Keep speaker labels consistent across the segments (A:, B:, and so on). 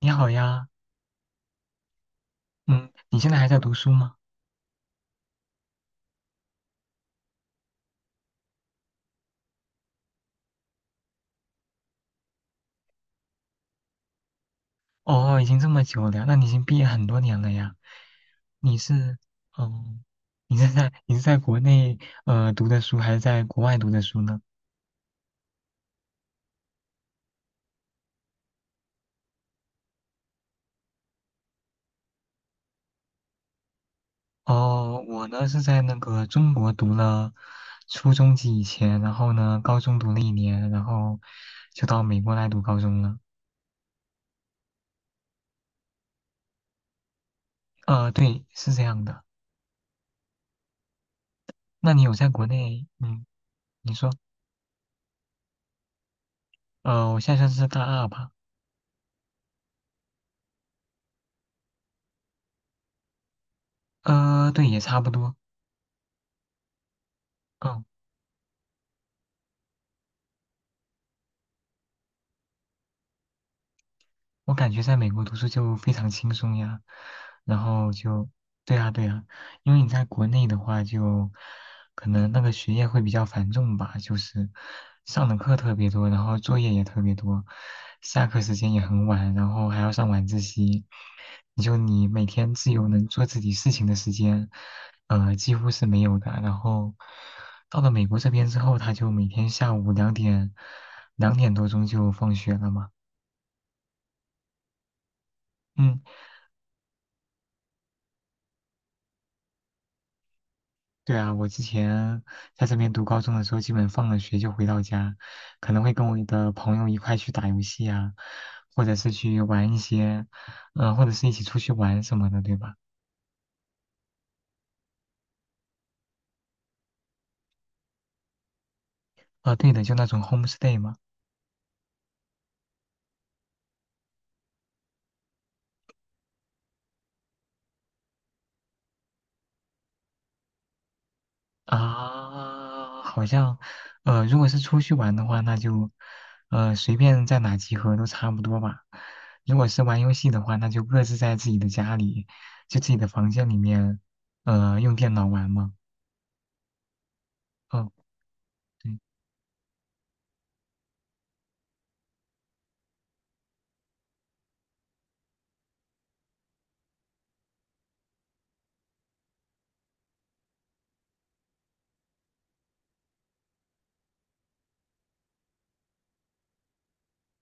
A: 你好呀，嗯，你现在还在读书吗？哦，已经这么久了，那你已经毕业很多年了呀。你是，嗯，你是在国内读的书，还是在国外读的书呢？哦，我呢是在那个中国读了初中及以前，然后呢高中读了一年，然后就到美国来读高中了。对，是这样的。那你有在国内，你说，我现在算是大二吧？对，也差不多。嗯。我感觉在美国读书就非常轻松呀，然后就，对呀，对呀，因为你在国内的话就，可能那个学业会比较繁重吧，就是上的课特别多，然后作业也特别多，下课时间也很晚，然后还要上晚自习，你每天自由能做自己事情的时间，几乎是没有的。然后到了美国这边之后，他就每天下午两点，2点多钟就放学了嘛。嗯，对啊，我之前在这边读高中的时候，基本放了学就回到家，可能会跟我的朋友一块去打游戏啊，或者是去玩一些，或者是一起出去玩什么的，对吧？啊，对的，就那种 homestay 嘛。啊，好像，如果是出去玩的话，那就，随便在哪集合都差不多吧。如果是玩游戏的话，那就各自在自己的家里，就自己的房间里面，用电脑玩嘛。嗯。对，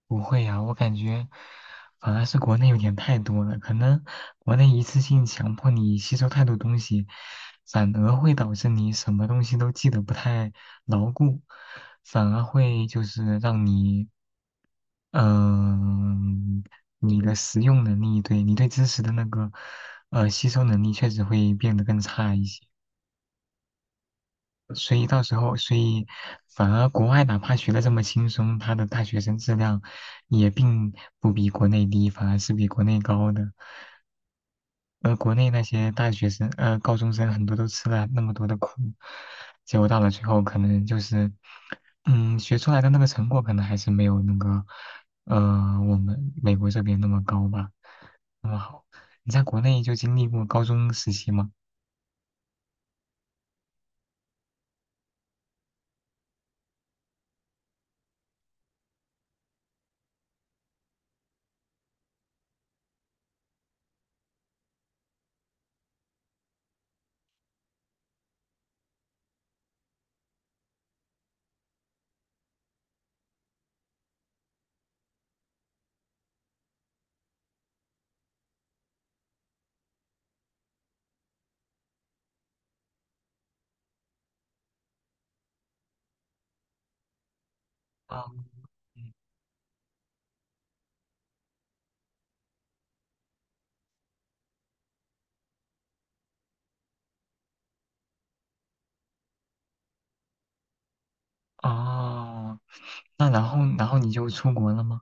A: 不会呀，我感觉反而是国内有点太多了，可能国内一次性强迫你吸收太多东西，反而会导致你什么东西都记得不太牢固，反而会就是让你，嗯、你的实用能力，对你对知识的那个，吸收能力确实会变得更差一些。所以到时候，所以反而国外哪怕学的这么轻松，他的大学生质量也并不比国内低，反而是比国内高的。而国内那些大学生，高中生很多都吃了那么多的苦，结果到了最后，可能就是，学出来的那个成果可能还是没有那个，呃，我们美国这边那么高吧，那么好。你在国内就经历过高中时期吗？啊，嗯哦，那然后你就出国了吗？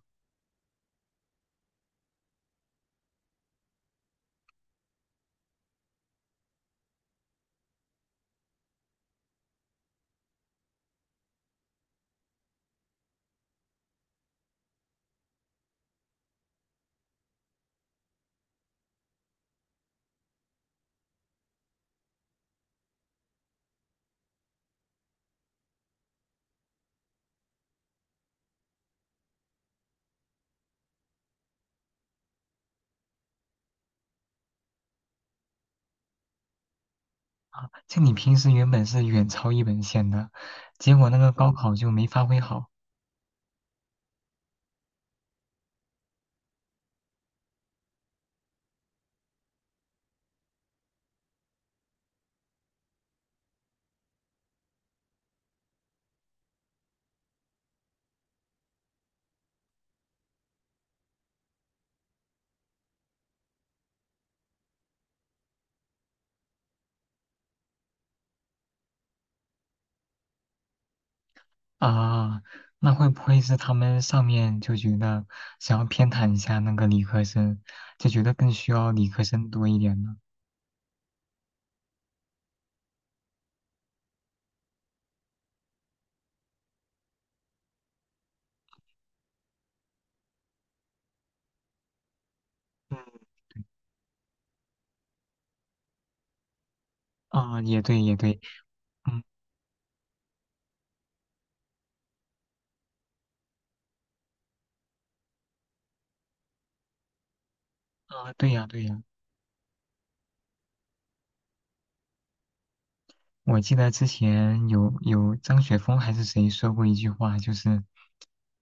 A: 啊，就你平时原本是远超一本线的，结果那个高考就没发挥好啊。那会不会是他们上面就觉得想要偏袒一下那个理科生，就觉得更需要理科生多一点呢？嗯，啊，也对，也对，嗯，啊，对呀，对呀，我记得之前有张雪峰还是谁说过一句话，就是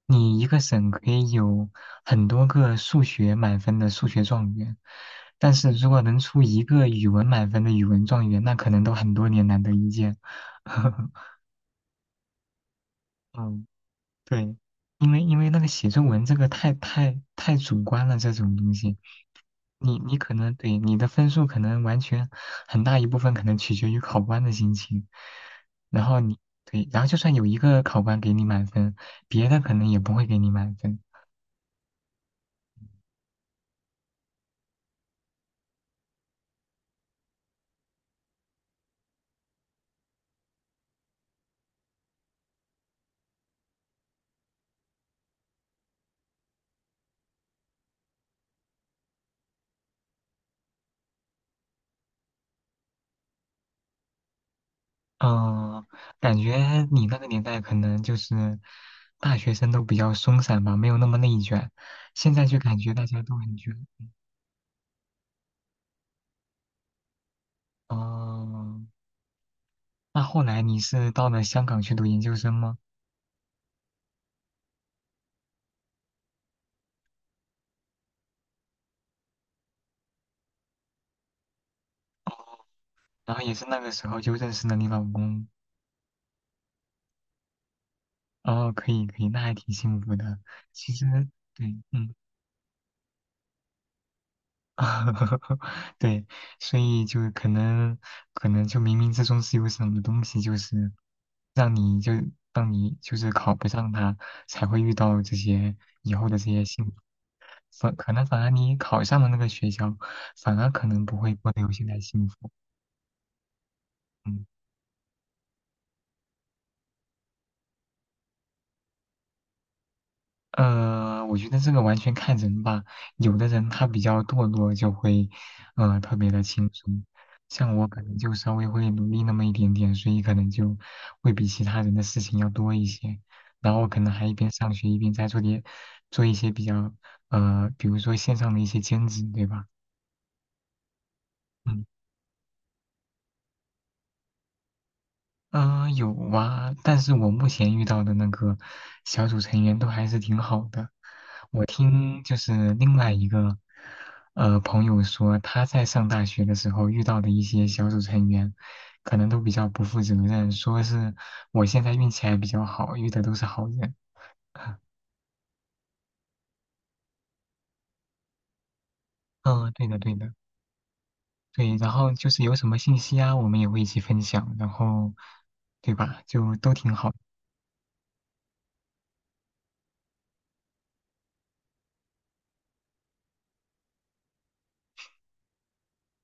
A: 你一个省可以有很多个数学满分的数学状元，但是如果能出一个语文满分的语文状元，那可能都很多年难得一见。嗯，对，因为那个写作文这个太太太主观了，这种东西，你可能对你的分数可能完全很大一部分可能取决于考官的心情，然后你对，然后就算有一个考官给你满分，别的可能也不会给你满分。嗯，感觉你那个年代可能就是大学生都比较松散吧，没有那么内卷。现在就感觉大家都很卷。哦，那后来你是到了香港去读研究生吗？哦，然后也是那个时候就认识了你老公。哦，可以可以，那还挺幸福的。其实，对，嗯。对，所以就可能就冥冥之中是有什么东西，就是让你就让你就是考不上它，才会遇到这些以后的这些幸福。可能反而你考上了那个学校，反而可能不会过得有现在幸福。嗯。我觉得这个完全看人吧。有的人他比较堕落，就会，特别的轻松。像我可能就稍微会努力那么一点点，所以可能就会比其他人的事情要多一些。然后可能还一边上学一边在做点，做一些比较，比如说线上的一些兼职，对吧？嗯。嗯、有啊，但是我目前遇到的那个小组成员都还是挺好的。我听就是另外一个朋友说，他在上大学的时候遇到的一些小组成员，可能都比较不负责任，说是我现在运气还比较好，遇的都是好人。嗯，对的，对的，对。然后就是有什么信息啊，我们也会一起分享，然后对吧，就都挺好的。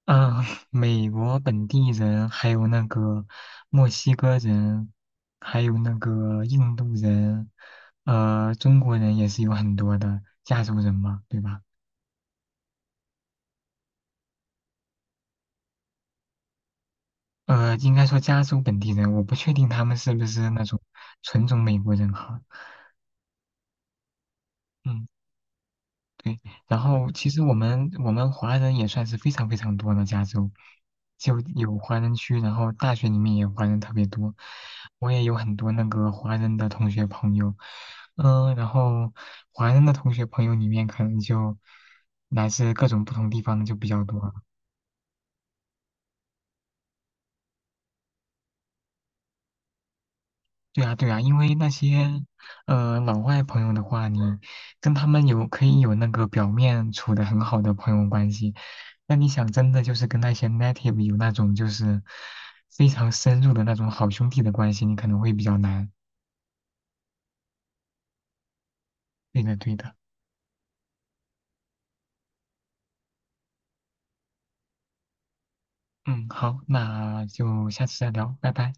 A: 啊，美国本地人，还有那个墨西哥人，还有那个印度人，中国人也是有很多的，加州人嘛，对吧？应该说加州本地人，我不确定他们是不是那种纯种美国人哈。嗯。对，然后其实我们华人也算是非常非常多的加州，就有华人区，然后大学里面也华人特别多，我也有很多那个华人的同学朋友，然后华人的同学朋友里面可能就来自各种不同地方就比较多，对啊，对啊，因为那些老外朋友的话，你跟他们可以有那个表面处的很好的朋友关系，那你想真的就是跟那些 native 有那种就是非常深入的那种好兄弟的关系，你可能会比较难。对的，对的。嗯，好，那就下次再聊，拜拜。